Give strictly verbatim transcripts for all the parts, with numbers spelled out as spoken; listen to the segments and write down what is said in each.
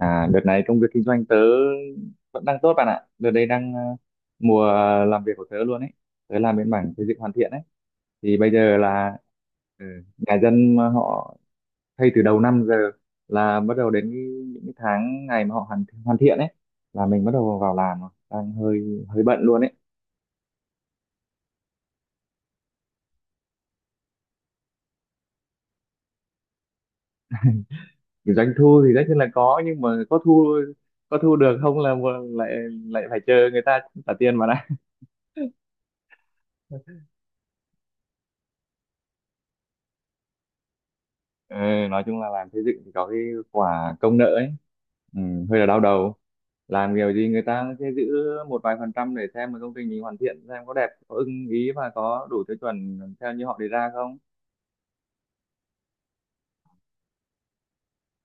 À, đợt này công việc kinh doanh tớ vẫn đang tốt bạn ạ. Đợt đây đang ờ, mùa làm việc của tớ luôn ấy. Tớ làm bên mảng xây dựng hoàn thiện ấy. Thì bây giờ là ừ, nhà dân mà họ thay từ đầu năm giờ là bắt đầu đến cái- những cái tháng ngày mà họ hoàn hoàn thiện ấy là mình bắt đầu vào làm rồi. Đang hơi hơi bận luôn ấy. Kiểu doanh thu thì tất nhiên là có nhưng mà có thu có thu được không là một- lại lại phải chờ người ta trả tiền mà đã. Ừ, nói chung là làm xây dựng thì có cái quả công nợ ấy, ừ, hơi là đau đầu, làm kiểu gì người ta sẽ giữ một vài phần trăm để xem mà công trình mình hoàn thiện xem có đẹp, có ưng ý và có đủ tiêu chuẩn theo như họ đề ra không.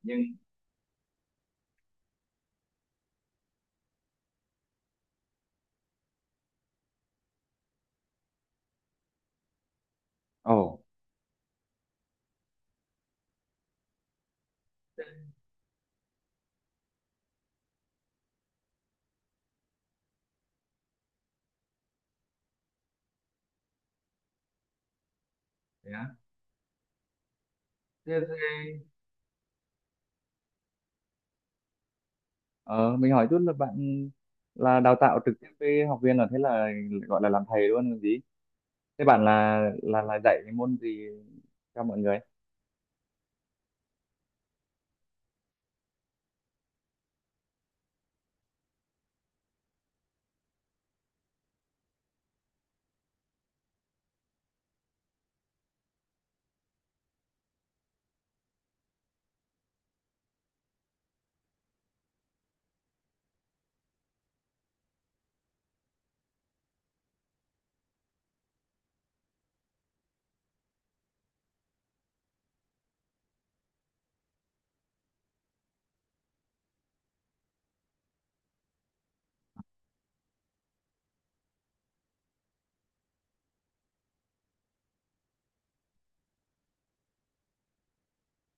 Nhưng ồ, thế á. Thế, thế, ờ, mình hỏi chút là bạn là đào tạo trực tiếp với học viên, là thế là gọi là làm thầy luôn còn gì. Thế bạn là là là dạy cái môn gì cho mọi người?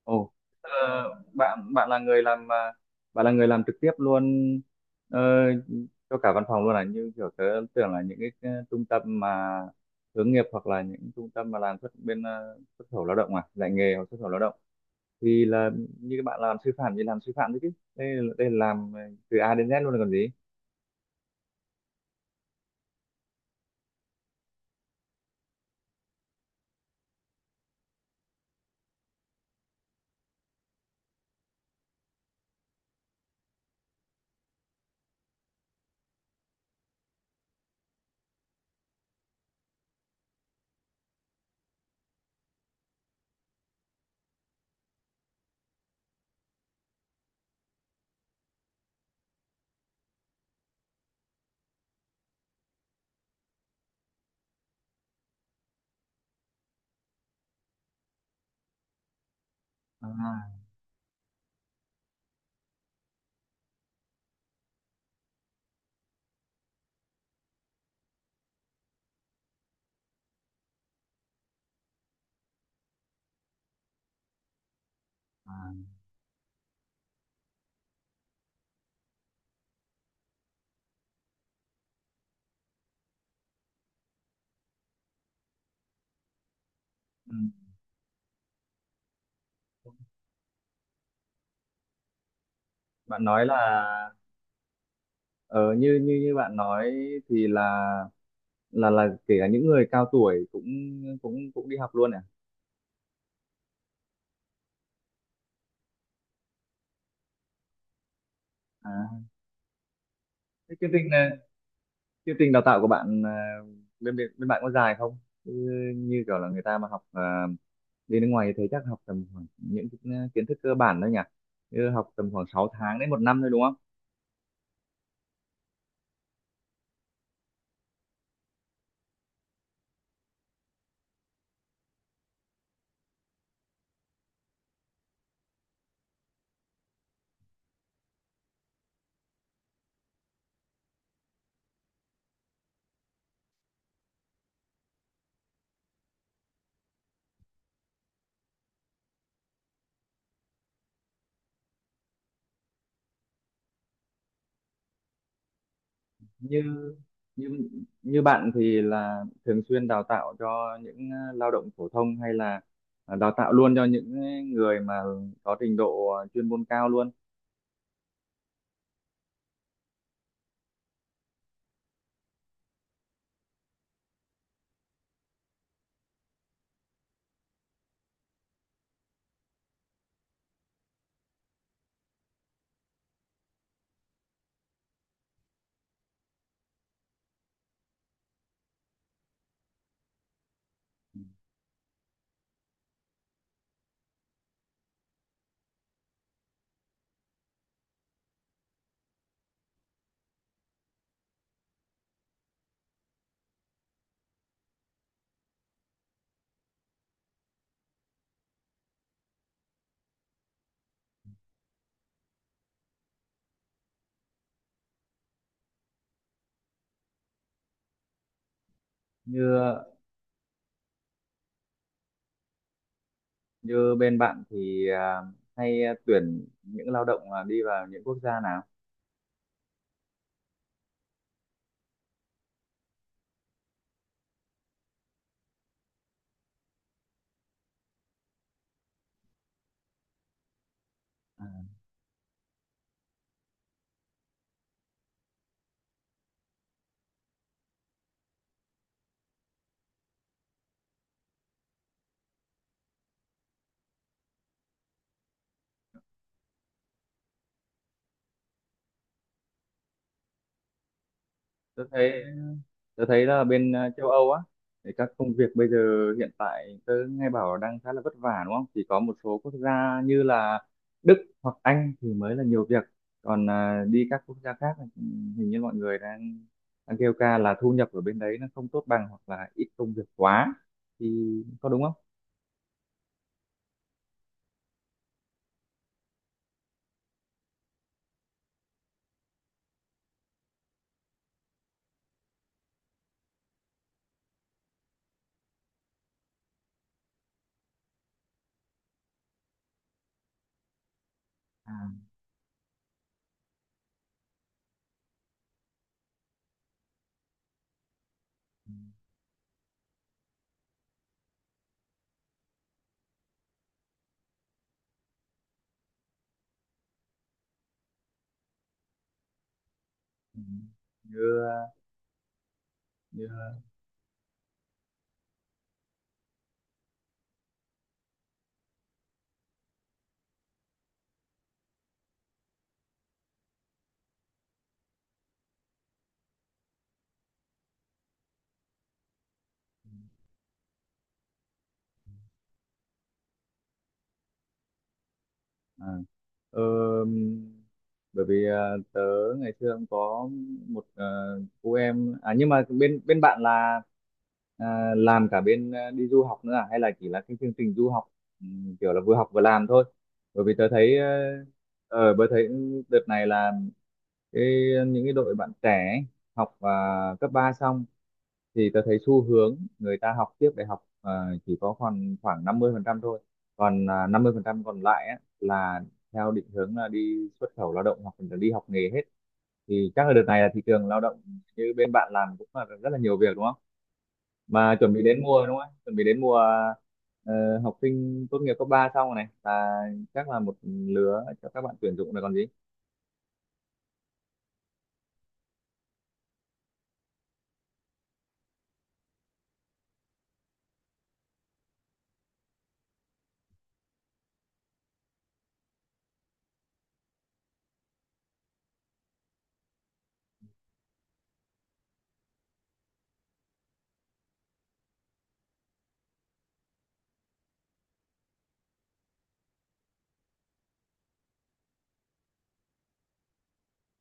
Ồ, tức là bạn bạn là người làm à, bạn là người làm trực tiếp luôn ờ, cho cả văn phòng luôn à? Như kiểu tớ tưởng là những cái, cái trung tâm mà hướng nghiệp hoặc là những trung tâm mà làm xuất bên à, xuất khẩu lao động, à, dạy nghề hoặc xuất khẩu lao động thì là như các bạn làm sư phạm thì làm sư phạm đấy, chứ đây là- đây là làm ờ, từ A đến Z luôn là còn gì. À, à, ừ. Bạn nói là ờ, như như như bạn nói thì là là là kể cả những người cao tuổi cũng cũng cũng đi học luôn à? À, thế chương trình ờ, chương trình đào tạo của bạn ờ, bên bên bên bạn có dài không? Như, như kiểu là người ta mà học ờ, đi nước ngoài thì thấy chắc học tầm khoảng những cái à, kiến thức cơ bản thôi nhỉ? Như học tầm khoảng sáu tháng đến một năm thôi đúng không? Như như như bạn thì là thường xuyên đào tạo cho những ờ, lao động phổ thông hay là ờ, đào tạo luôn cho những người mà có trình độ ờ, chuyên môn cao luôn? Như như bên bạn thì ờ, hay tuyển những lao động là đi vào những quốc gia nào? À, tôi thấy tôi thấy là bên ờ, châu Âu á thì các công việc bây giờ hiện tại tôi nghe bảo đang khá là vất vả đúng không? Chỉ có một số quốc gia như là Đức hoặc Anh thì mới là nhiều việc, còn ờ, đi các quốc gia khác thì hình như mọi người đang đang kêu ca là thu nhập ở bên đấy nó không tốt bằng hoặc là ít công việc quá thì có đúng không? À, ừ. như ờ, như à, ờ, bởi vì ờ, tớ ngày xưa cũng có một ờ, cô em, à nhưng mà bên bên bạn là à, làm cả bên ờ, đi du học nữa à hay là chỉ là cái chương trình du học, ừm, kiểu là vừa học vừa làm thôi? Bởi vì tớ thấy ở bởi thấy đợt này là cái những cái đội bạn trẻ ấy, học à, cấp ba xong thì tôi thấy xu hướng người ta học tiếp đại học, ờ, chỉ có khoảng khoảng năm mươi phần trăm thôi, còn à, năm mươi phần trăm còn lại á, là theo định hướng là đi xuất khẩu lao động hoặc là đi học nghề hết. Thì chắc là đợt này là thị trường lao động như bên bạn làm cũng là rất là nhiều việc đúng không? Mà chuẩn bị đến mùa đúng không, chuẩn bị đến mùa ờ, học sinh tốt nghiệp cấp ba xong rồi này là chắc là một lứa cho các bạn tuyển dụng là còn gì.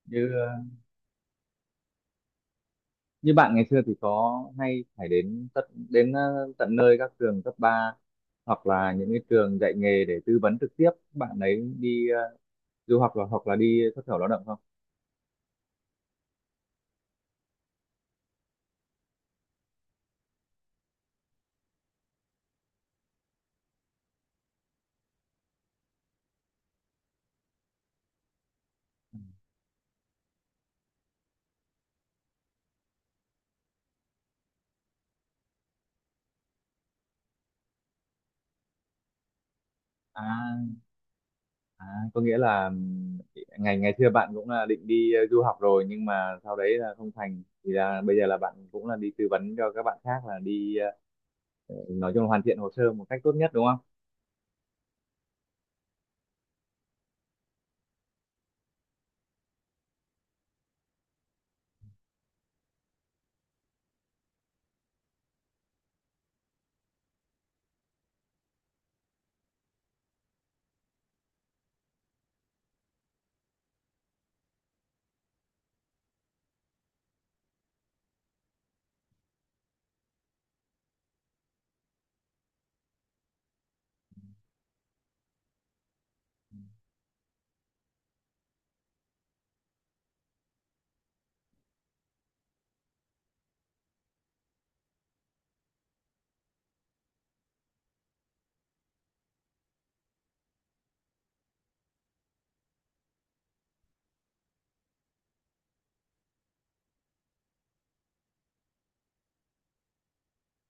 Như ờ, như bạn ngày xưa thì có hay phải đến tận đến ờ, tận nơi các trường cấp ba hoặc là những cái trường dạy nghề để tư vấn trực tiếp các bạn ấy đi ờ, du học là hoặc là đi xuất khẩu lao động không? À, à, có nghĩa là ừm, ngày ngày xưa bạn cũng là định đi ờ, du học rồi nhưng mà sau đấy là không thành thì là bây giờ là bạn cũng là đi tư vấn cho các bạn khác là đi ờ, nói chung là hoàn thiện hồ sơ một cách tốt nhất đúng không?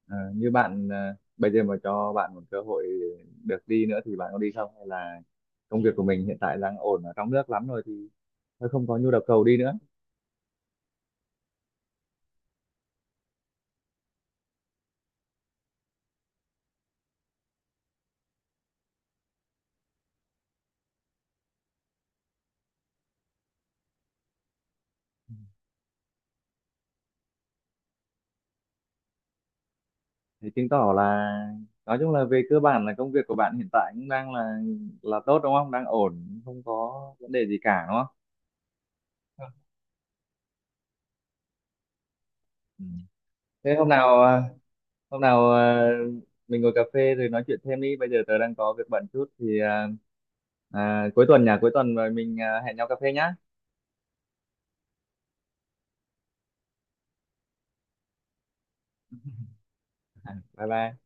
Ờ, như bạn ờ, bây giờ mà cho bạn một cơ hội được đi nữa thì bạn có đi không, hay là công việc của mình hiện tại đang ổn ở trong nước lắm rồi thì thôi không có nhu đầu cầu đi nữa? Thì chứng tỏ là nói chung là về cơ bản là công việc của bạn hiện tại cũng đang là là tốt đúng không, đang ổn không có vấn đề gì cả đúng không? Ừ. Thế hôm nào ờ, hôm nào ờ, mình ngồi cà phê rồi nói chuyện thêm đi, bây giờ tớ đang có việc bận chút thì ờ, à, cuối tuần nhà cuối tuần rồi mình ờ, hẹn nhau cà phê nhá. Bye bye.